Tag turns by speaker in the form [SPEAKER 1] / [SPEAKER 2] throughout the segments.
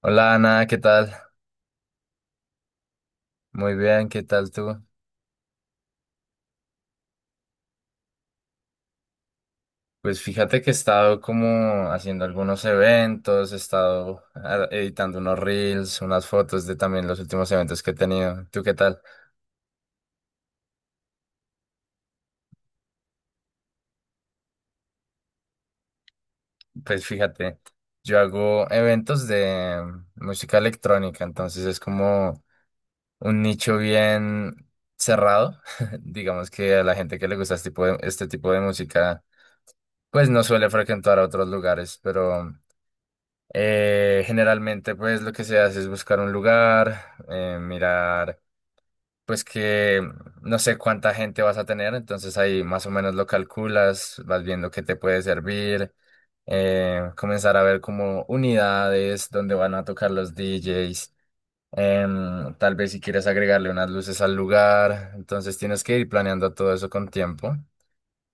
[SPEAKER 1] Hola Ana, ¿qué tal? Muy bien, ¿qué tal tú? Pues fíjate que he estado como haciendo algunos eventos, he estado editando unos reels, unas fotos de también los últimos eventos que he tenido. ¿Tú qué tal? Pues fíjate, yo hago eventos de música electrónica, entonces es como un nicho bien cerrado. Digamos que a la gente que le gusta este tipo de música, pues no suele frecuentar a otros lugares, pero... Generalmente, pues lo que se hace es buscar un lugar, mirar, pues que no sé cuánta gente vas a tener, entonces ahí más o menos lo calculas, vas viendo qué te puede servir, comenzar a ver como unidades donde van a tocar los DJs, tal vez si quieres agregarle unas luces al lugar, entonces tienes que ir planeando todo eso con tiempo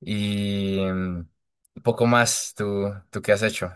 [SPEAKER 1] y poco más. ¿Tú qué has hecho?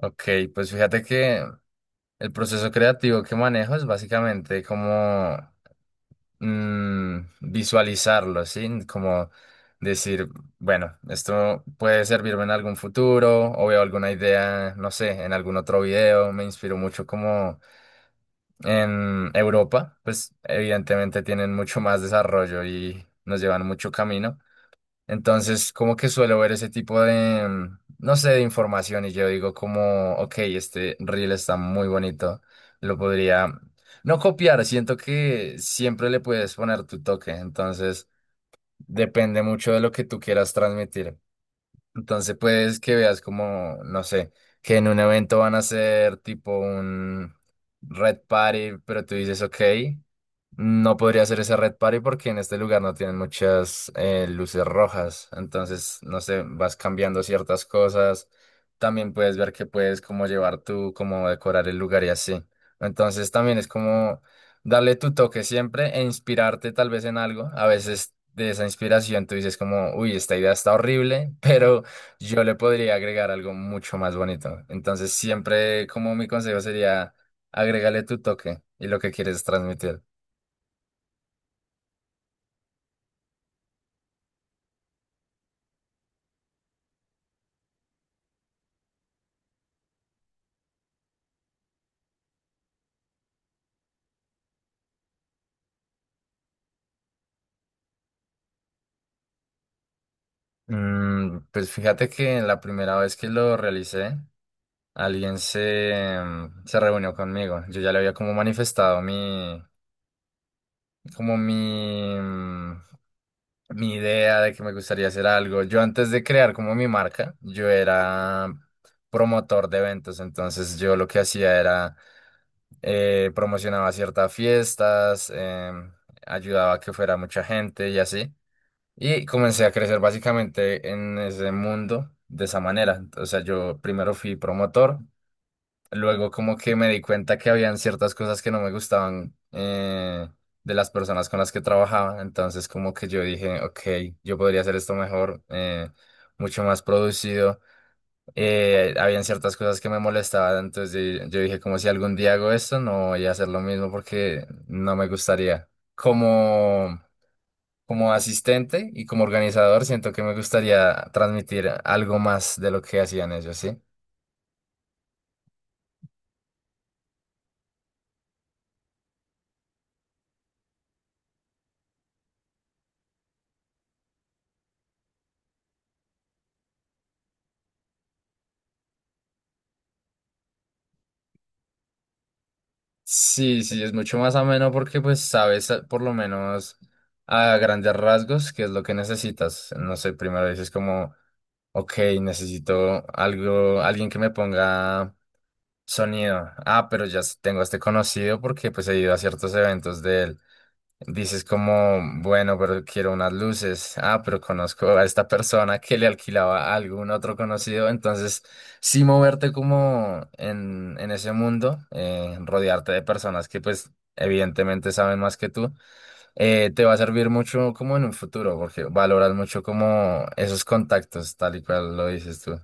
[SPEAKER 1] Ok, pues fíjate que el proceso creativo que manejo es básicamente como visualizarlo, ¿sí? Como decir, bueno, esto puede servirme en algún futuro o veo alguna idea, no sé, en algún otro video. Me inspiro mucho como en Europa, pues evidentemente tienen mucho más desarrollo y nos llevan mucho camino. Entonces, como que suelo ver ese tipo de, no sé, de información y yo digo como, ok, este reel está muy bonito, lo podría no copiar, siento que siempre le puedes poner tu toque, entonces depende mucho de lo que tú quieras transmitir. Entonces, puedes que veas como, no sé, que en un evento van a hacer tipo un red party, pero tú dices, ok. No podría hacer ese Red Party porque en este lugar no tienen muchas luces rojas. Entonces, no sé, vas cambiando ciertas cosas. También puedes ver que puedes como llevar tú, cómo decorar el lugar y así. Entonces, también es como darle tu toque siempre e inspirarte tal vez en algo. A veces de esa inspiración tú dices como, uy, esta idea está horrible, pero yo le podría agregar algo mucho más bonito. Entonces, siempre como mi consejo sería, agrégale tu toque y lo que quieres transmitir. Pues fíjate que la primera vez que lo realicé, alguien se, se reunió conmigo. Yo ya le había como manifestado mi, como mi, mi idea de que me gustaría hacer algo. Yo antes de crear como mi marca, yo era promotor de eventos, entonces yo lo que hacía era promocionaba ciertas fiestas, ayudaba a que fuera mucha gente y así. Y comencé a crecer básicamente en ese mundo de esa manera. O sea, yo primero fui promotor, luego como que me di cuenta que habían ciertas cosas que no me gustaban de las personas con las que trabajaba. Entonces como que yo dije, ok, yo podría hacer esto mejor, mucho más producido. Habían ciertas cosas que me molestaban, entonces yo dije, como si algún día hago esto, no voy a hacer lo mismo porque no me gustaría. Como como asistente y como organizador, siento que me gustaría transmitir algo más de lo que hacían ellos, ¿sí? Sí, sí, es mucho más ameno porque pues sabes, por lo menos a grandes rasgos qué es lo que necesitas. No sé, primero dices como, ok, necesito algo, alguien que me ponga sonido. Ah, pero tengo a este conocido porque pues he ido a ciertos eventos de él. Dices como, bueno, pero quiero unas luces. Ah, pero conozco a esta persona que le alquilaba a algún otro conocido. Entonces, sí moverte como en ese mundo, rodearte de personas que pues evidentemente saben más que tú, te va a servir mucho como en un futuro, porque valoras mucho como esos contactos, tal y cual lo dices tú.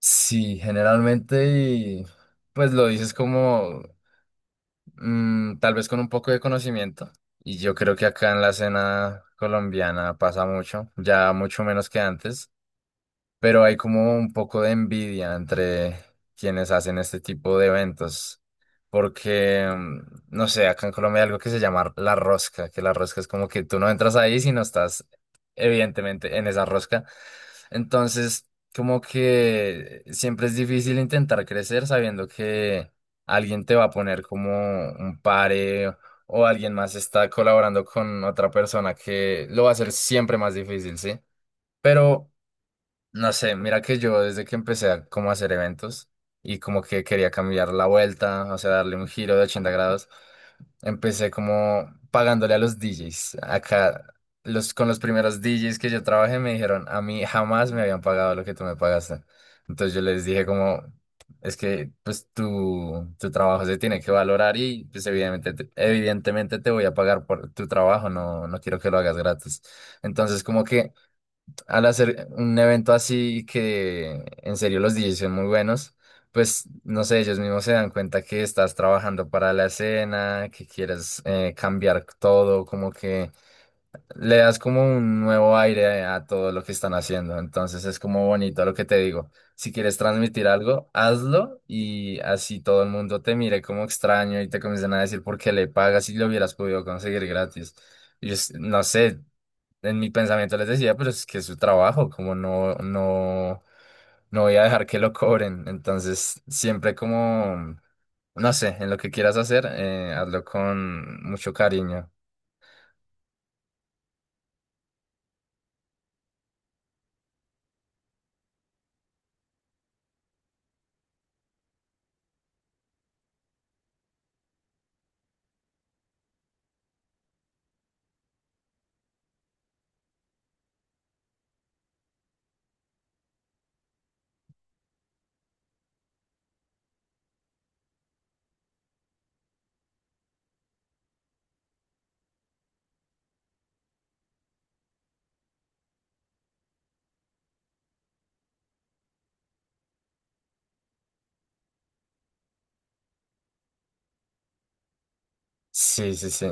[SPEAKER 1] Sí, generalmente y pues lo dices como tal vez con un poco de conocimiento. Y yo creo que acá en la escena colombiana pasa mucho, ya mucho menos que antes, pero hay como un poco de envidia entre quienes hacen este tipo de eventos. Porque, no sé, acá en Colombia hay algo que se llama la rosca, que la rosca es como que tú no entras ahí si no estás evidentemente en esa rosca. Entonces, como que siempre es difícil intentar crecer sabiendo que alguien te va a poner como un pare o alguien más está colaborando con otra persona que lo va a hacer siempre más difícil, ¿sí? Pero, no sé, mira que yo desde que empecé a como hacer eventos y como que quería cambiar la vuelta, o sea, darle un giro de 80 grados. Empecé como pagándole a los DJs. Acá, con los primeros DJs que yo trabajé me dijeron, a mí jamás me habían pagado lo que tú me pagaste. Entonces yo les dije como, es que pues tu trabajo se tiene que valorar y pues evidentemente, evidentemente te voy a pagar por tu trabajo, no, no quiero que lo hagas gratis. Entonces como que al hacer un evento así que en serio los DJs son muy buenos, pues no sé, ellos mismos se dan cuenta que estás trabajando para la escena, que quieres, cambiar todo, como que le das como un nuevo aire a todo lo que están haciendo. Entonces es como bonito lo que te digo. Si quieres transmitir algo, hazlo y así todo el mundo te mire como extraño y te comiencen a decir por qué le pagas si lo hubieras podido conseguir gratis. No sé, en mi pensamiento les decía, pero es que es su trabajo, como no, no, no voy a dejar que lo cobren. Entonces, siempre como, no sé, en lo que quieras hacer, hazlo con mucho cariño. Sí, sí, sí,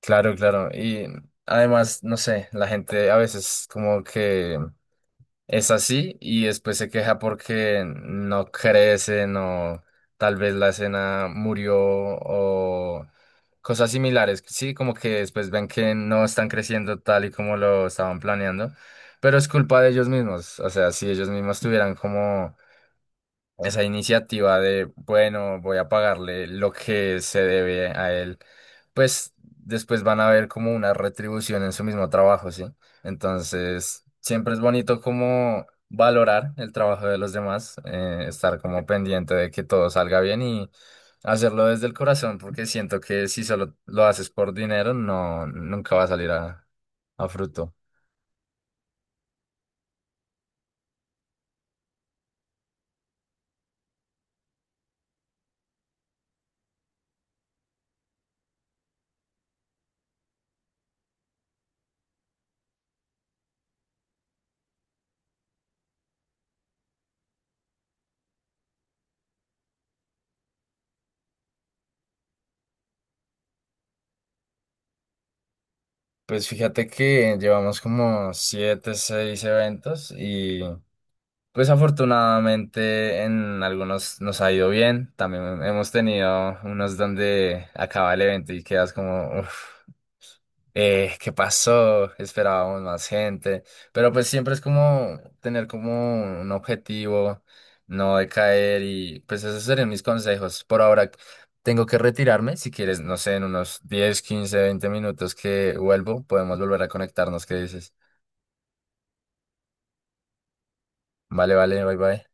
[SPEAKER 1] claro, claro. Y además, no sé, la gente a veces como que es así y después se queja porque no crecen o tal vez la escena murió o cosas similares. Sí, como que después ven que no están creciendo tal y como lo estaban planeando, pero es culpa de ellos mismos. O sea, si ellos mismos tuvieran como esa iniciativa de, bueno, voy a pagarle lo que se debe a él, pues después van a ver como una retribución en su mismo trabajo, ¿sí? Entonces, siempre es bonito como valorar el trabajo de los demás, estar como pendiente de que todo salga bien y hacerlo desde el corazón, porque siento que si solo lo haces por dinero, no, nunca va a salir a fruto. Pues fíjate que llevamos como siete, seis eventos y pues afortunadamente en algunos nos ha ido bien. También hemos tenido unos donde acaba el evento y quedas como, "Uf, ¿qué pasó? Esperábamos más gente." Pero pues siempre es como tener como un objetivo, no decaer y pues esos serían mis consejos. Por ahora tengo que retirarme. Si quieres, no sé, en unos 10, 15, 20 minutos que vuelvo, podemos volver a conectarnos. ¿Qué dices? Vale, vale, bye bye.